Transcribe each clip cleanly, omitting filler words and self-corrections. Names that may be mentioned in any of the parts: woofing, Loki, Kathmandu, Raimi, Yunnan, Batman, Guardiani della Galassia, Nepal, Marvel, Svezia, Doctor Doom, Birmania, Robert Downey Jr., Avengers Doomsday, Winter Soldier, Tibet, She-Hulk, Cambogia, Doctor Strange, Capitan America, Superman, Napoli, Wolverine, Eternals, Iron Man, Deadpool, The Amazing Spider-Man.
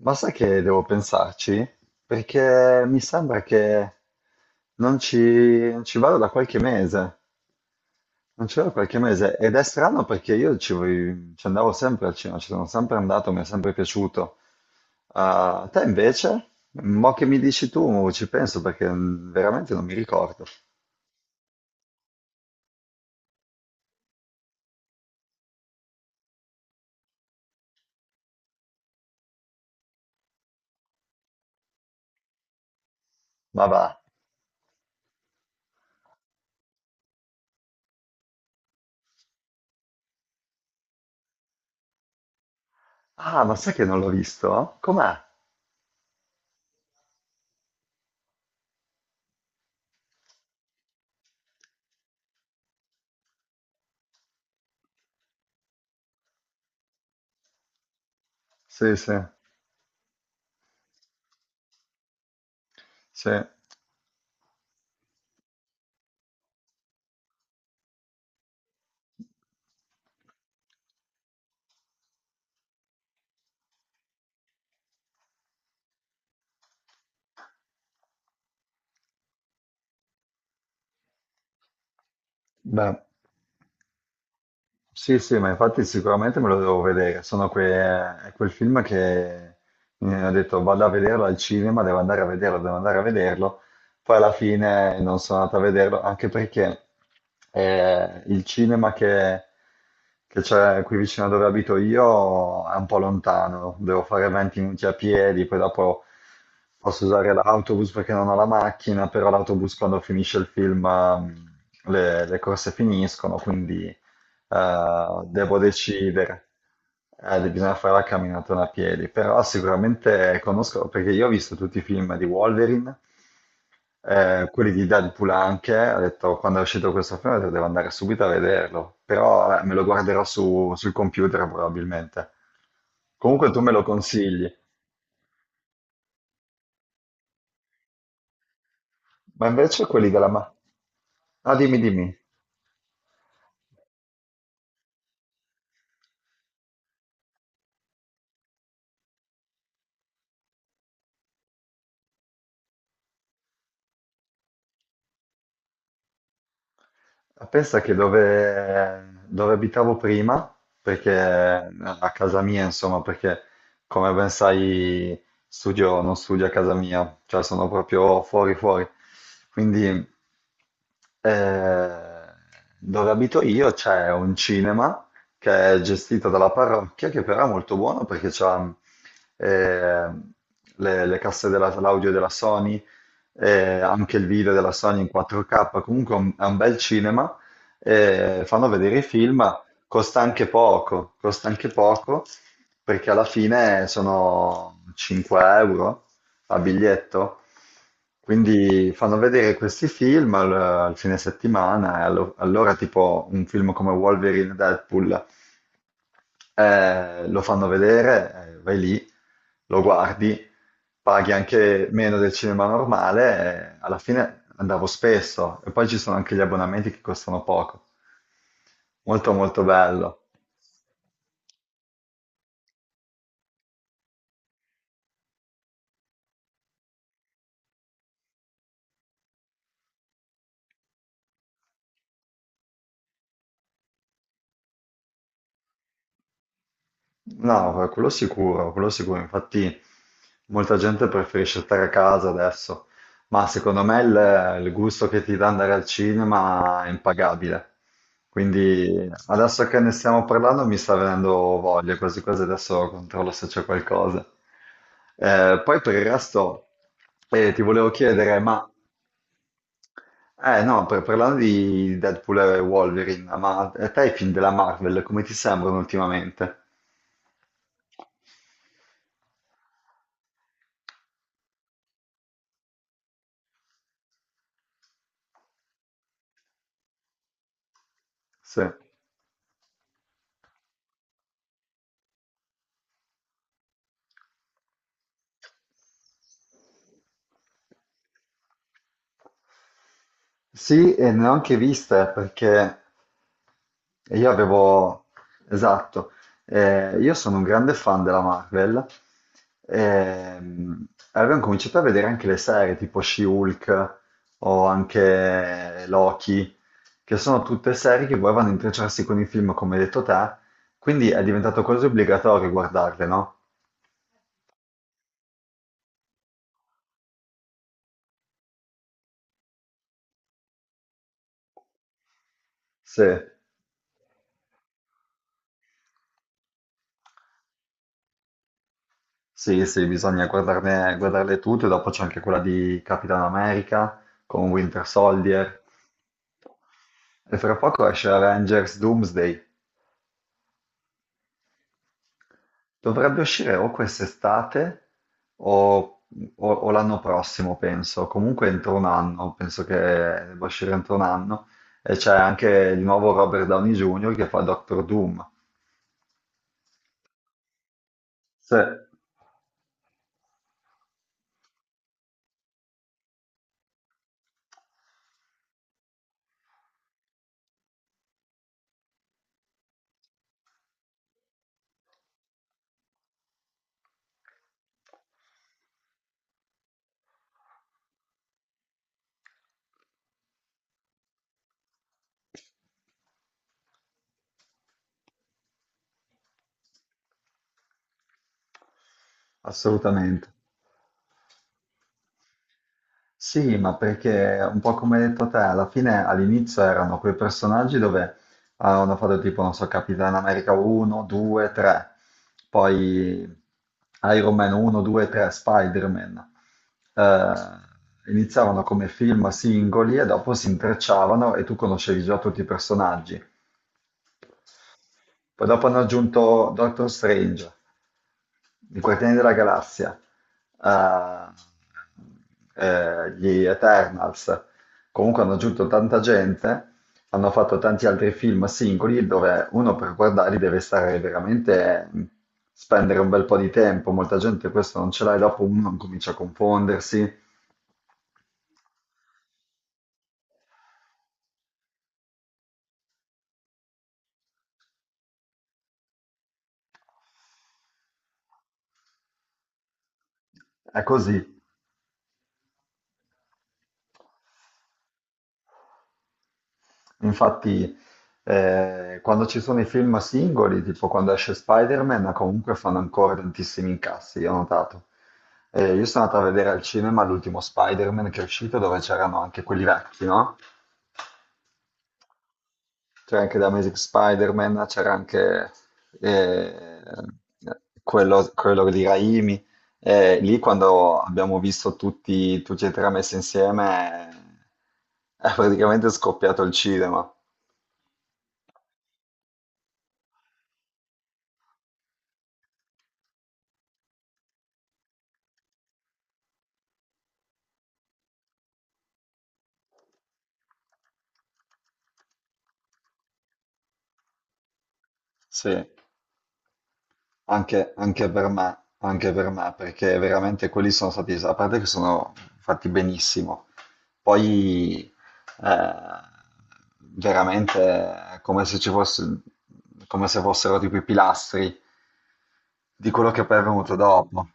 Ma sai che devo pensarci? Perché mi sembra che non ci, non ci vado da qualche mese, non ci vado da qualche mese ed è strano perché ci andavo sempre al cinema, ci sono sempre andato, mi è sempre piaciuto. A te invece? Mo che mi dici tu, ci penso perché veramente non mi ricordo. Ma va. Ah, ma sai che non l'ho visto? Com'è? Sì, sì, sì. Beh, sì, sì, ma infatti sicuramente me lo devo vedere. È quel film che mi ho detto vado a vederlo al cinema, devo andare a vederlo, devo andare a vederlo. Poi alla fine non sono andato a vederlo, anche perché il cinema che c'è qui vicino a dove abito io è un po' lontano, devo fare 20 minuti a piedi, poi dopo posso usare l'autobus perché non ho la macchina, però l'autobus quando finisce il film le corse finiscono, quindi devo decidere. Bisogna fare la camminata a piedi, però sicuramente conosco, perché io ho visto tutti i film di Wolverine, quelli di Deadpool anche, ho detto quando è uscito questo film ho detto, devo andare subito a vederlo, però vabbè, me lo guarderò sul computer probabilmente. Comunque tu me lo consigli, ma invece quelli della... Ma... Ah, dimmi, dimmi. Ah, pensa che dove abitavo prima, perché a casa mia, insomma, perché come ben sai, studio, non studio a casa mia, cioè sono proprio fuori fuori. Quindi eh, dove abito io c'è un cinema che è gestito dalla parrocchia, che però è molto buono perché c'ha eh, l'audio della Sony, anche il video della Sony in 4K, comunque è è un bel cinema, fanno vedere i film, costa anche poco, perché alla fine sono 5 euro a biglietto, quindi fanno vedere questi film al fine settimana, e allora tipo un film come Wolverine e Deadpool lo fanno vedere, vai lì, lo guardi, paghi anche meno del cinema normale, alla fine andavo spesso e poi ci sono anche gli abbonamenti che costano poco. Molto molto bello. No, quello sicuro, quello sicuro. Infatti molta gente preferisce stare a casa adesso, ma secondo me il gusto che ti dà andare al cinema è impagabile. Quindi adesso che ne stiamo parlando mi sta venendo voglia, quasi quasi adesso controllo se c'è qualcosa. Poi per il resto ti volevo chiedere, ma... Eh no, parlando di Deadpool e Wolverine, ma a te i film della Marvel come ti sembrano ultimamente? Sì. Sì, e ne ho anche viste perché io avevo, esatto, io sono un grande fan della Marvel, ehm, e avevo cominciato a vedere anche le serie tipo She-Hulk o anche Loki, che sono tutte serie che poi vanno a intrecciarsi con i film, come hai detto te, quindi è diventato quasi obbligatorio guardarle, no? Sì. Sì, sì, bisogna guardarle tutte, dopo c'è anche quella di Capitan America con Winter Soldier e fra poco esce Avengers Doomsday. Dovrebbe uscire o quest'estate o, o l'anno prossimo, penso, comunque entro un anno, penso che debba uscire entro un anno e c'è anche il nuovo Robert Downey Jr. che fa Doctor Doom. Sì, assolutamente. Sì, ma perché un po' come hai detto te, alla fine all'inizio erano quei personaggi dove avevano fatto tipo, non so, Capitan America 1, 2, 3, poi Iron Man 1, 2, 3, Spider-Man. Iniziavano come film singoli e dopo si intrecciavano e tu conoscevi già tutti i personaggi. Poi dopo hanno aggiunto Doctor Strange, i Guardiani della Galassia, eh, gli Eternals. Comunque hanno aggiunto tanta gente, hanno fatto tanti altri film singoli dove uno per guardarli deve stare veramente, spendere un bel po' di tempo. Molta gente questo non ce l'ha e dopo uno comincia a confondersi. È così. Infatti, quando ci sono i film singoli, tipo quando esce Spider-Man, comunque fanno ancora tantissimi incassi, io ho notato. Io sono andato a vedere al cinema l'ultimo Spider-Man che è uscito, dove c'erano anche quelli vecchi, no? C'era anche The Amazing Spider-Man, c'era anche eh, quello di Raimi. Lì quando abbiamo visto tutti, tutti e tre messi insieme, è praticamente scoppiato il cinema. Sì. Anche per me, perché veramente quelli sono stati, a parte che sono fatti benissimo, poi eh, veramente è come se ci fosse, come se fossero tipo i pilastri di quello che poi è venuto dopo.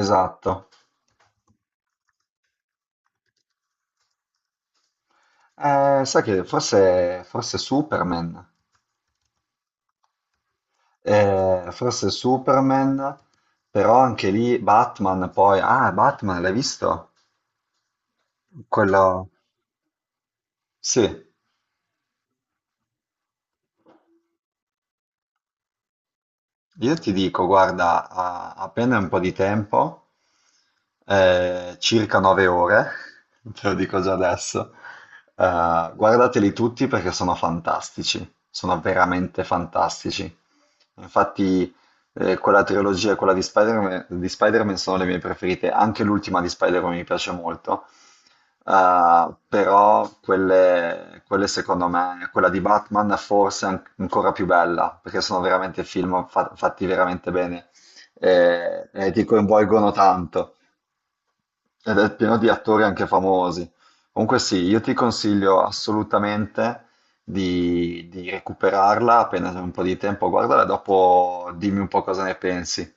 Esatto. Sai che forse Superman, però anche lì Batman, poi, ah, Batman, l'hai visto? Quello, sì. Io ti dico, guarda, appena un po' di tempo, circa 9 ore, te lo dico già adesso, guardateli tutti perché sono fantastici, sono veramente fantastici. Infatti, quella trilogia e quella di Spider-Man sono le mie preferite, anche l'ultima di Spider-Man mi piace molto. Però quelle secondo me, quella di Batman forse è ancora più bella, perché sono veramente film fatti veramente bene e ti coinvolgono tanto ed è pieno di attori anche famosi. Comunque sì, io ti consiglio assolutamente di recuperarla appena c'è un po' di tempo, guardala e dopo dimmi un po' cosa ne pensi.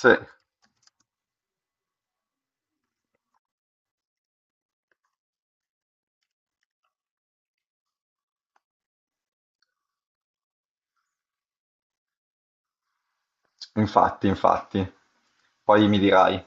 Sì, infatti, infatti. Poi mi dirai.